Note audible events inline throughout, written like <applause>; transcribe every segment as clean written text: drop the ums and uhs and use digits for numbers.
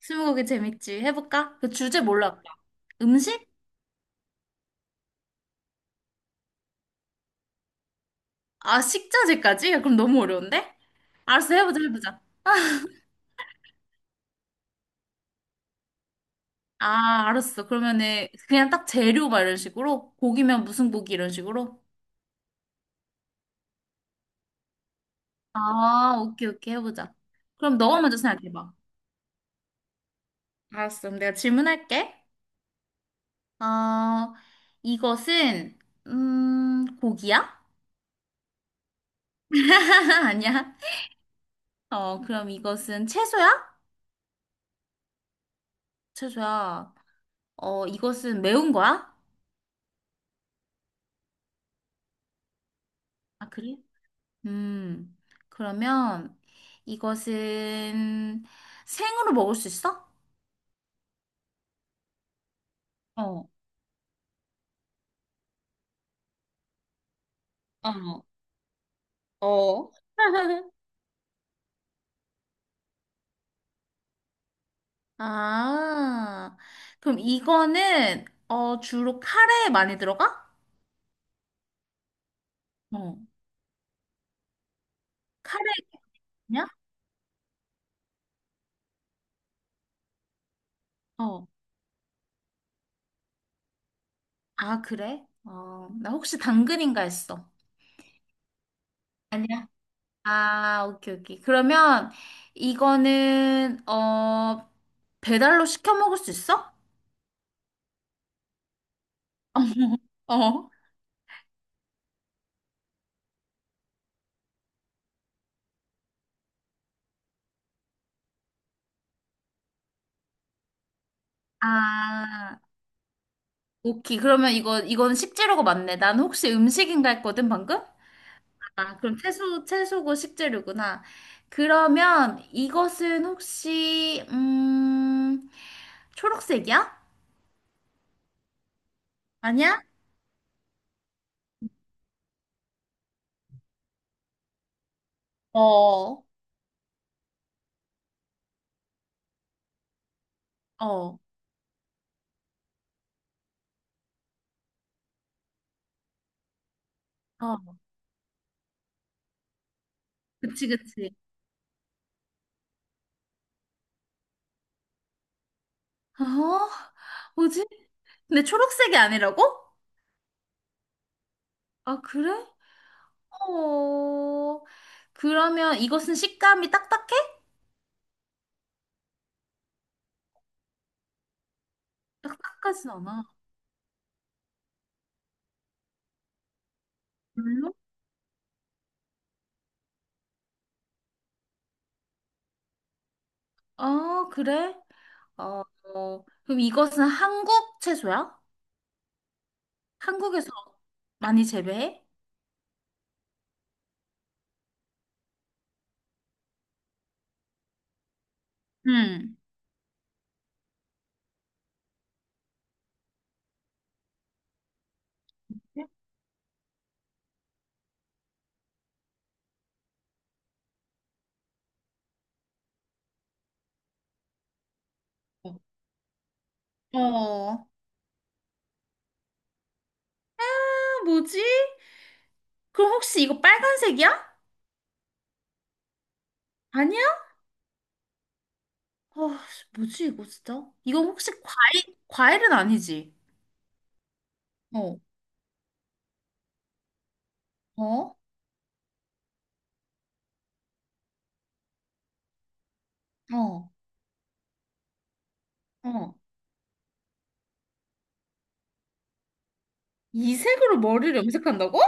스무고개 재밌지. 해볼까? 그 주제 몰라. 음식? 아, 식자재까지? 야, 그럼 너무 어려운데? 알았어, 해보자, 해보자. 아, 알았어. 그러면은 그냥 딱 재료 막 이런 식으로? 고기면 무슨 고기 이런 식으로? 아, 오케이, 오케이, 해보자. 그럼 너가 먼저 생각해봐. 알았어, 그럼 내가 질문할게. 어, 이것은, 고기야? <laughs> 아니야. 어, 그럼 이것은 채소야? 채소야. 어, 이것은 매운 거야? 아, 그래? 음, 그러면 이것은 생으로 먹을 수 있어? 어, 어, 어. <laughs> 아, 그럼 이거는 어, 주로 카레에 많이 들어가? 어, 카레냐? 어. 아, 그래? 어, 나 혹시 당근인가 했어. 아니야. 아, 오케이, 오케이. 그러면 이거는 어, 배달로 시켜 먹을 수 있어? <laughs> 어. 아, 오케이. 그러면 이거, 이건 식재료가 맞네. 난 혹시 음식인가 했거든, 방금? 아, 그럼 채소, 채소고 식재료구나. 그러면 이것은 혹시, 초록색이야? 아니야? 어, 어, 어. 그치, 그치. 어? 뭐지? 근데 초록색이 아니라고? 아, 그래? 어, 그러면 이것은 식감이 딱딱해? 딱딱하진 않아. 별로? 아, 그래? 어, 어, 그럼 이것은 한국 채소야? 한국에서 많이 재배해? 응. 어, 아, 뭐지? 그럼 혹시 이거 빨간색이야? 아니야? 어, 뭐지 이거 진짜? 이거 혹시 과일, 과일은 아니지? 어, 어, 어, 어. 이 색으로 머리를 염색한다고?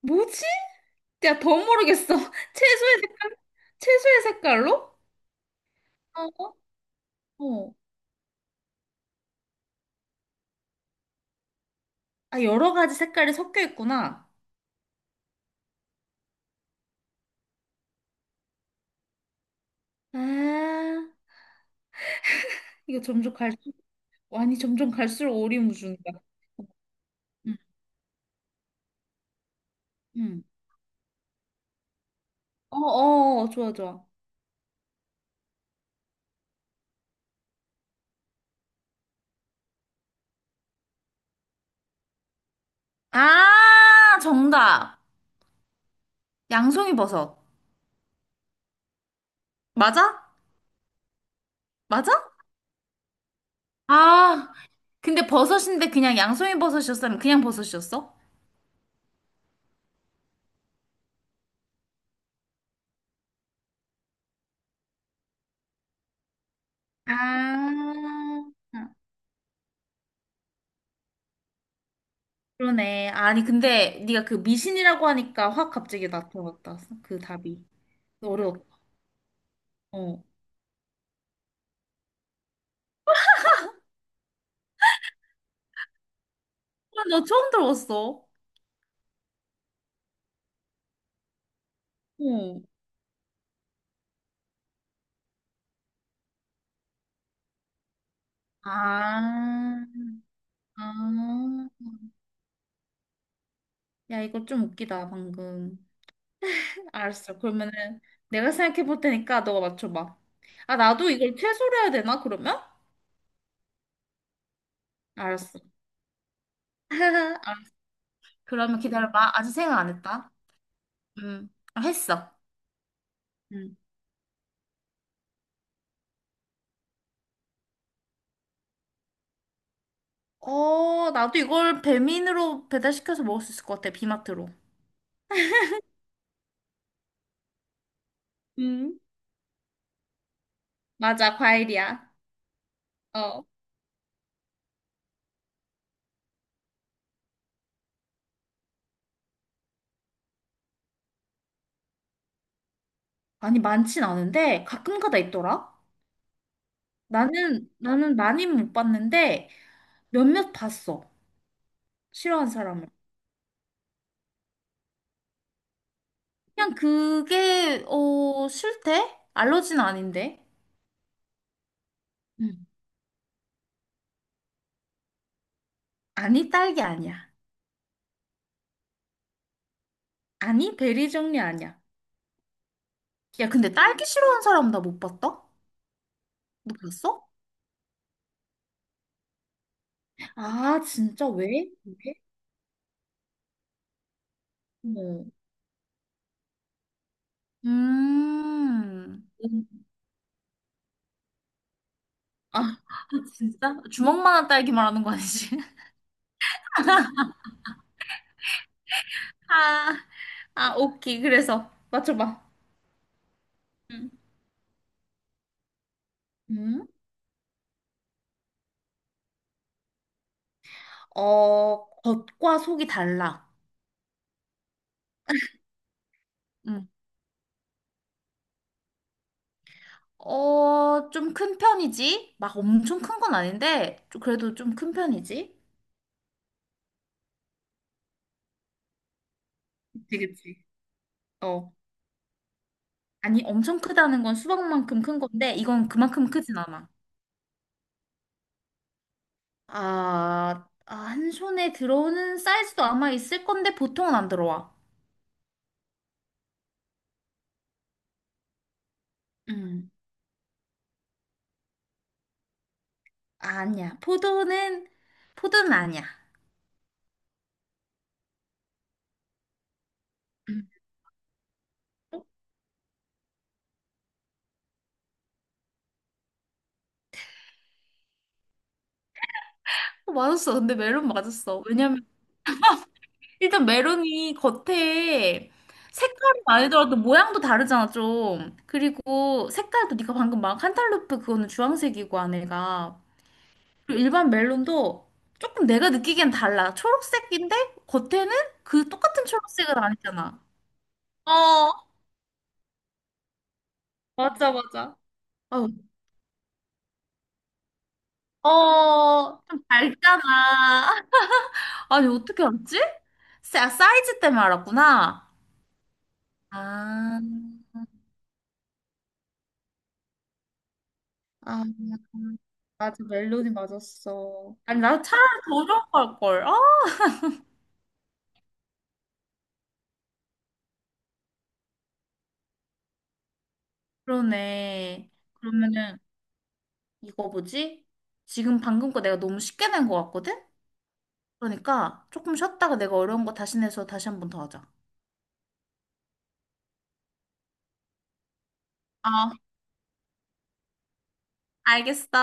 뭐지? 야, 더 모르겠어. <laughs> 채소의 색깔? 채소의 색깔로? 어, 어. 아, 여러 가지 색깔이 섞여 있구나. 아, 이거 점점 갈. 수 아니, 점점 갈수록 오리무중이다. 응, 응. 어, 어, 어, 좋아, 좋아. 아, 정답. 양송이 버섯. 맞아? 맞아? 아, 근데 버섯인데 그냥 양송이 버섯이었으면 그냥 버섯이었어? 아, 그러네. 아니, 근데 네가 그 미신이라고 하니까 확 갑자기 나타났다. 그 답이. 어려웠다. 어. 아, 나 처음 들어봤어. 어. 아, 아. 야, 이거 좀 웃기다, 방금. 알았어. 그러면은 내가 생각해 볼 테니까 너가 맞춰봐. 아, 나도 이걸 최소로 해야 되나, 그러면? 알았어. <laughs> 아, 그러면 기다려봐. 아직 생각 안 했다. 아, 했어. 음. 어, 나도 이걸 배민으로 배달시켜서 먹을 수 있을 것 같아, 비마트로. 음. 맞아, 과일이야. 어. 아니, 많진 않은데 가끔 가다 있더라. 나는, 나는 많이는 못 봤는데 몇몇 봤어. 싫어하는 사람을. 그냥 그게 어 싫대? 알러지는 아닌데. 응. 아니 딸기 아니야. 아니 베리 종류 아니야. 야 근데 딸기 싫어하는 사람 나 못 봤다? 너 봤어? 아 진짜 왜? 왜? 어. 음. 음. 아 <laughs> 진짜? 주먹만한 딸기 말하는 거 아니지? <laughs> 아, 아 오케이. 그래서 맞춰봐. 응. 음? 어 겉과 속이 달라. 어, 좀 큰 편이지? 막 엄청 큰 건 아닌데, 그래도 좀 큰 편이지? 그치, 그치. 어. 아니, 엄청 크다는 건 수박만큼 큰 건데, 이건 그만큼 크진 않아. 아, 아, 한 손에 들어오는 사이즈도 아마 있을 건데, 보통은 안 들어와. 음. 아니야. 포도는, 포도는 아니야. 음. 어, 맞았어. 근데 멜론 맞았어. 왜냐면 일단 메론이 겉에 색깔이 아니더라도 모양도 다르잖아, 좀. 그리고 색깔도 네가 방금 막 칸탈루프 그거는 주황색이고 안에가. 그리고 일반 멜론도 조금 내가 느끼기엔 달라. 초록색인데 겉에는 그 똑같은 초록색은 아니잖아. 어, 맞아, 맞아. 어, 어, 좀 밝잖아. <laughs> 아니, 어떻게 알았지? 사이즈 때문에 알았구나. 아. 아, 맞아. 멜로디 맞았어. 아니, 나 차라리 더 좋은 걸걸. 아, 그러네. 그러면은, 이거 뭐지? 지금 방금 거 내가 너무 쉽게 낸 것 같거든? 그러니까, 조금 쉬었다가 내가 어려운 거 다시 내서 다시 한 번 더 하자. 어, 알겠어.